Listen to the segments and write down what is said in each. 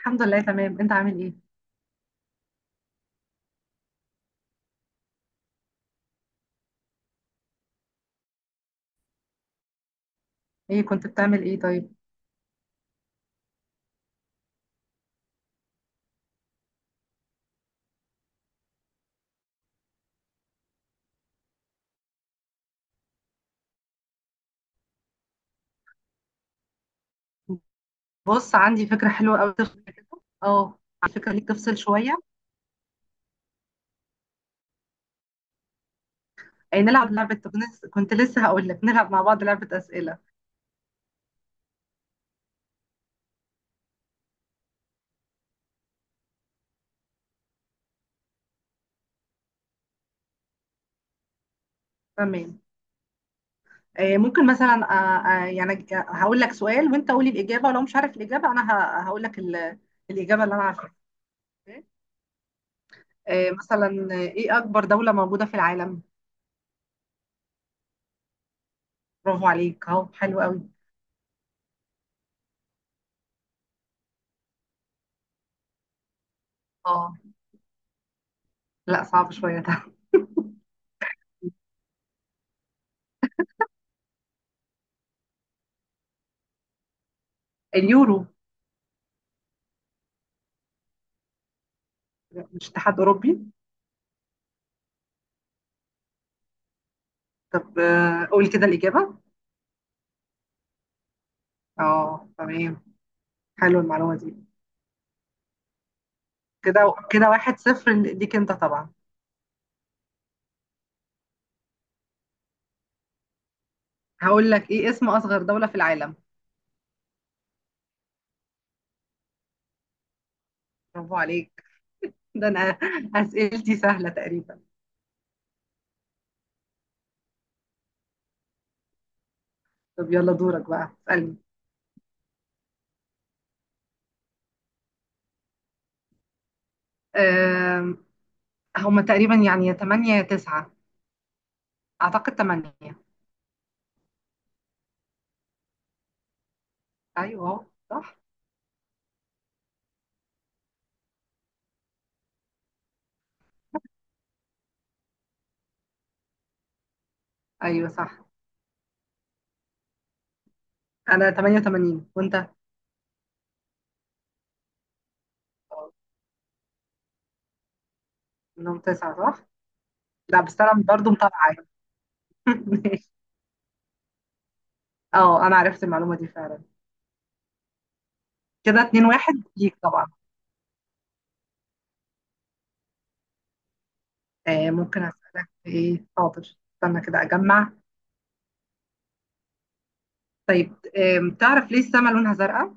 الحمد لله، تمام. انت عامل ايه؟ ايه، كنت بتعمل ايه طيب؟ بص، عندي فكره حلوه قوي. اه، على فكره ليك تفصل شويه. ايه، نلعب لعبه. كنت لسه هقول لك نلعب مع بعض لعبه اسئله. تمام. ايه، ممكن مثلا يعني هقول لك سؤال، وانت قولي الاجابه. ولو مش عارف الاجابه، انا هقول لك الاجابه اللي انا عارفها. ايه مثلا، ايه اكبر دوله موجوده في العالم؟ برافو عليك، اهو حلو قوي. اه، لا، صعب شويه ده. اليورو. مش اتحاد اوروبي؟ طب، قول كده الاجابه. اه، تمام. حلو المعلومة دي. كده كده، واحد صفر ليك انت طبعا. هقول لك، ايه اسم اصغر دولة في العالم؟ برافو عليك. ده انا. اسئلتي سهلة تقريبا. طب يلا، دورك بقى، اسألني. أم، هما تقريبا يعني، يا 8 يا 9. اعتقد 8. ايوه صح. ايوه صح. انا 88، وانت؟ منهم 9، صح. لا بس انا برضه متابعة. ماشي. اه، انا عرفت المعلومة دي فعلا. كده 2-1 ليك طبعا. ممكن أسألك في إيه؟ حاضر، استنى كده أجمع. طيب، تعرف ليه السما لونها زرقاء؟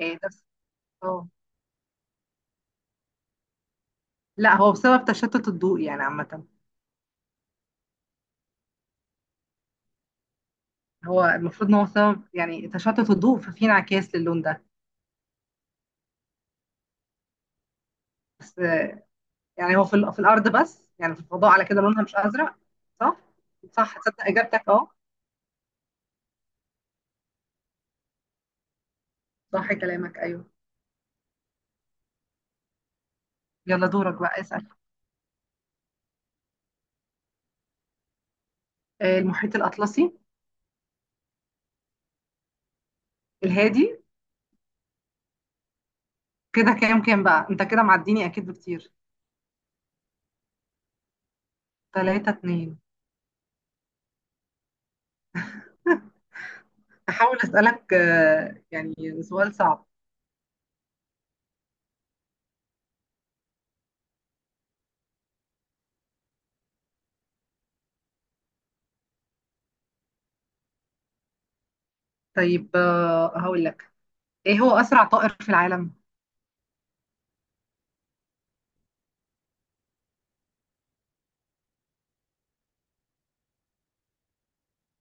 آه، ده بس- اه. لا، هو بسبب تشتت الضوء يعني عامة. هو المفروض إن هو سبب يعني تشتت الضوء، ففي انعكاس للون ده. بس يعني هو في الأرض، بس يعني في الفضاء على كده لونها مش أزرق. صح؟ صح، تصدق إجابتك؟ أه. صح كلامك، أيوه. يلا، دورك بقى اسأل. المحيط الأطلسي. الهادي. كده كام كام بقى؟ أنت كده معديني أكيد بكتير. 3-2. هحاول أسألك يعني سؤال صعب. طيب، هقول لك. ايه هو أسرع طائر في العالم؟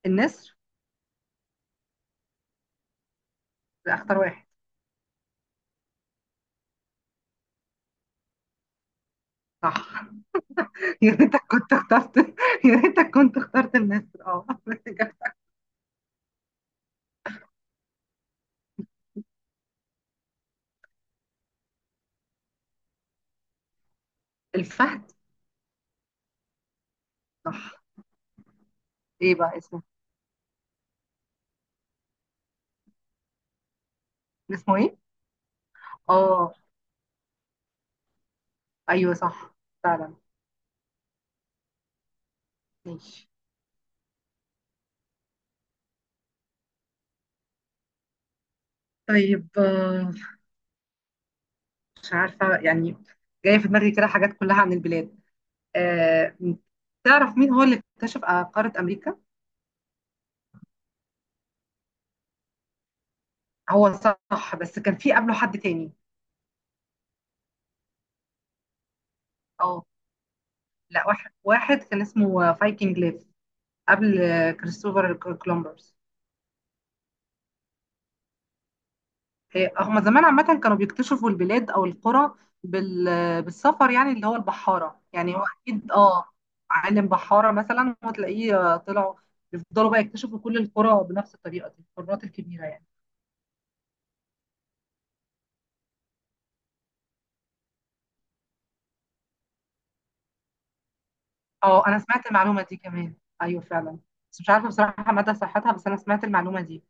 النسر. لا، اختار واحد. صح. يا ريتك كنت اخترت. يا ريتك كنت اخترت النسر، اه. الفهد. صح. ايه بقى اسمه؟ اسمه ايه؟ اه. ايوه صح. فعلا. ماشي. طيب، مش عارفة يعني. جاية في دماغي كده حاجات كلها عن البلاد. آه، تعرف مين هو اللي اكتشف قارة أمريكا؟ هو صح، بس كان في قبله حد تاني. اه. لا، واحد واحد كان اسمه فايكنج ليف. قبل كريستوفر كولومبرز. إيه، هما زمان عامة كانوا بيكتشفوا البلاد أو القرى بالسفر يعني، اللي هو البحارة، يعني هو أكيد. اه. عالم بحارة مثلا وتلاقيه طلعوا بيفضلوا بقى يكتشفوا كل القرى بنفس الطريقة دي، القارات الكبيرة يعني. اه، أنا سمعت المعلومة دي كمان. أيوه فعلا. بس مش عارفة بصراحة مدى صحتها، بس أنا سمعت المعلومة دي.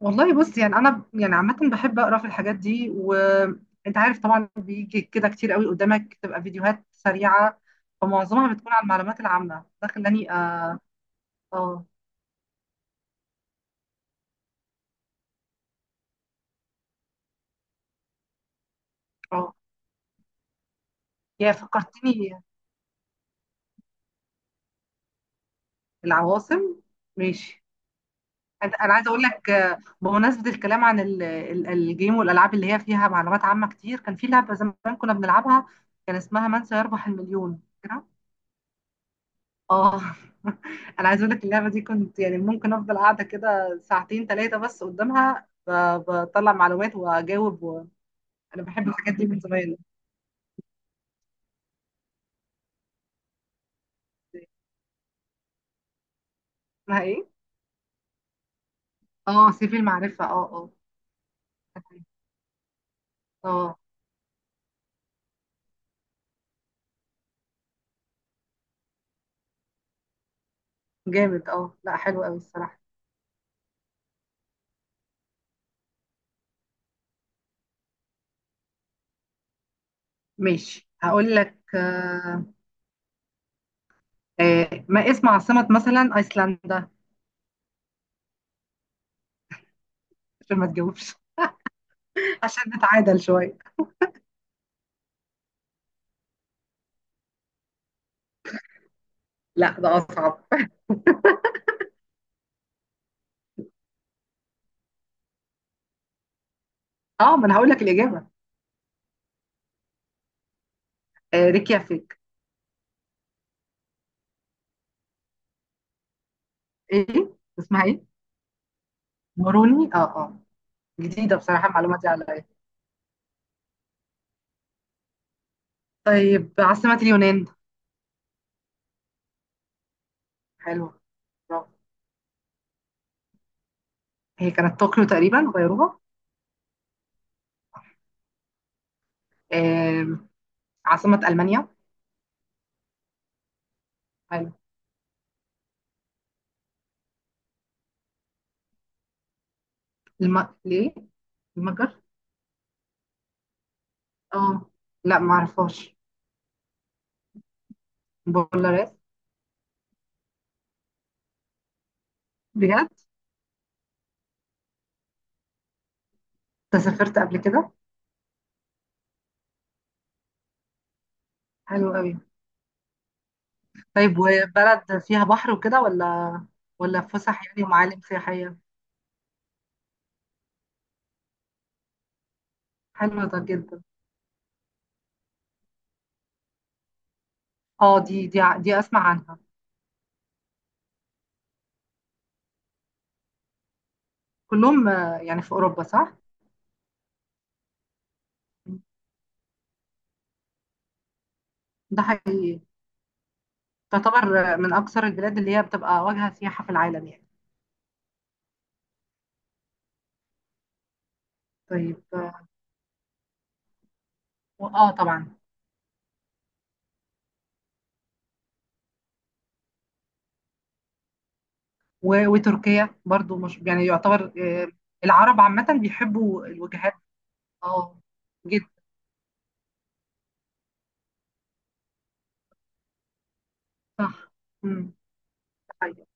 والله بص، يعني انا يعني عامه بحب اقرا في الحاجات دي، وانت عارف طبعا بيجي كده كتير قوي قدامك تبقى فيديوهات سريعه. فمعظمها بتكون عن المعلومات العامه، ده خلاني اه. اه، اه، يا فكرتني. العواصم. ماشي. أنا عايزه اقول لك، بمناسبه الكلام عن الجيم والالعاب اللي هي فيها معلومات عامه كتير، كان في لعبه زمان كنا بنلعبها. كان اسمها من سيربح المليون. اه. انا عايز اقول لك اللعبه دي كنت يعني ممكن افضل قاعده كده ساعتين ثلاثه بس قدامها، بطلع معلومات واجاوب. انا بحب الحاجات دي من زمان. اسمها ايه؟ اه، سيف المعرفه. اه، اه، اه. جامد اه، لا حلو قوي الصراحه. ماشي، هقول لك ما اسم عاصمه مثلا ايسلندا؟ عشان ما تجاوبش. عشان نتعادل شويه. لا، ده اصعب. اه، ما انا هقول لك الاجابه. ريكيافيك. ايه؟ اسمها ايه؟ موروني. اه، اه. جديدة بصراحة المعلومة دي عليا. طيب، عاصمة اليونان؟ حلوة. برافو. هي كانت طوكيو تقريبا، غيروها؟ آم، عاصمة ألمانيا؟ حلو. ليه؟ المجر؟ اه، لا معرفهاش. بولاريس. بجد؟ انت سافرت قبل كده؟ حلو قوي. طيب، وبلد فيها بحر وكده ولا، ولا فسح يعني ومعالم سياحية؟ حلو ده جدا. اه، دي اسمع عنها. كلهم يعني في اوروبا، صح؟ ده حقيقي. تعتبر من أكثر البلاد اللي هي بتبقى واجهة سياحة في العالم يعني. طيب. اه طبعا. وتركيا برضو مش يعني يعتبر العرب عامة بيحبوا الوجهات. اه، جدا. صح. مم. طيب،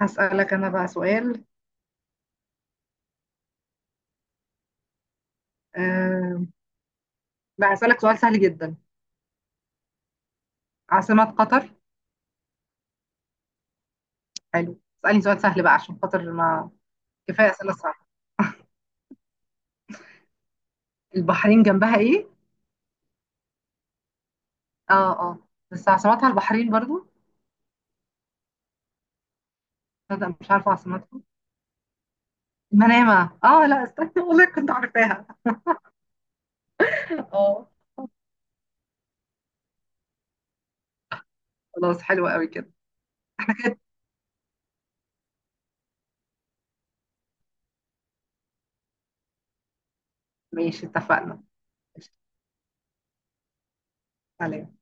هسألك أنا بقى سؤال. آه، لا، هسألك سؤال سهل جدا. عاصمة قطر؟ حلو. اسألني سؤال سهل بقى عشان خاطر ما. كفاية أسئلة صعبة. البحرين جنبها إيه؟ اه، اه. بس عاصمتها البحرين برضو؟ تصدق مش عارفة عاصمتها. منامة، اه. لا استنى، والله كنت عارفاها. اه. خلاص، حلو قوي كده. ماشي، اتفقنا. عليك.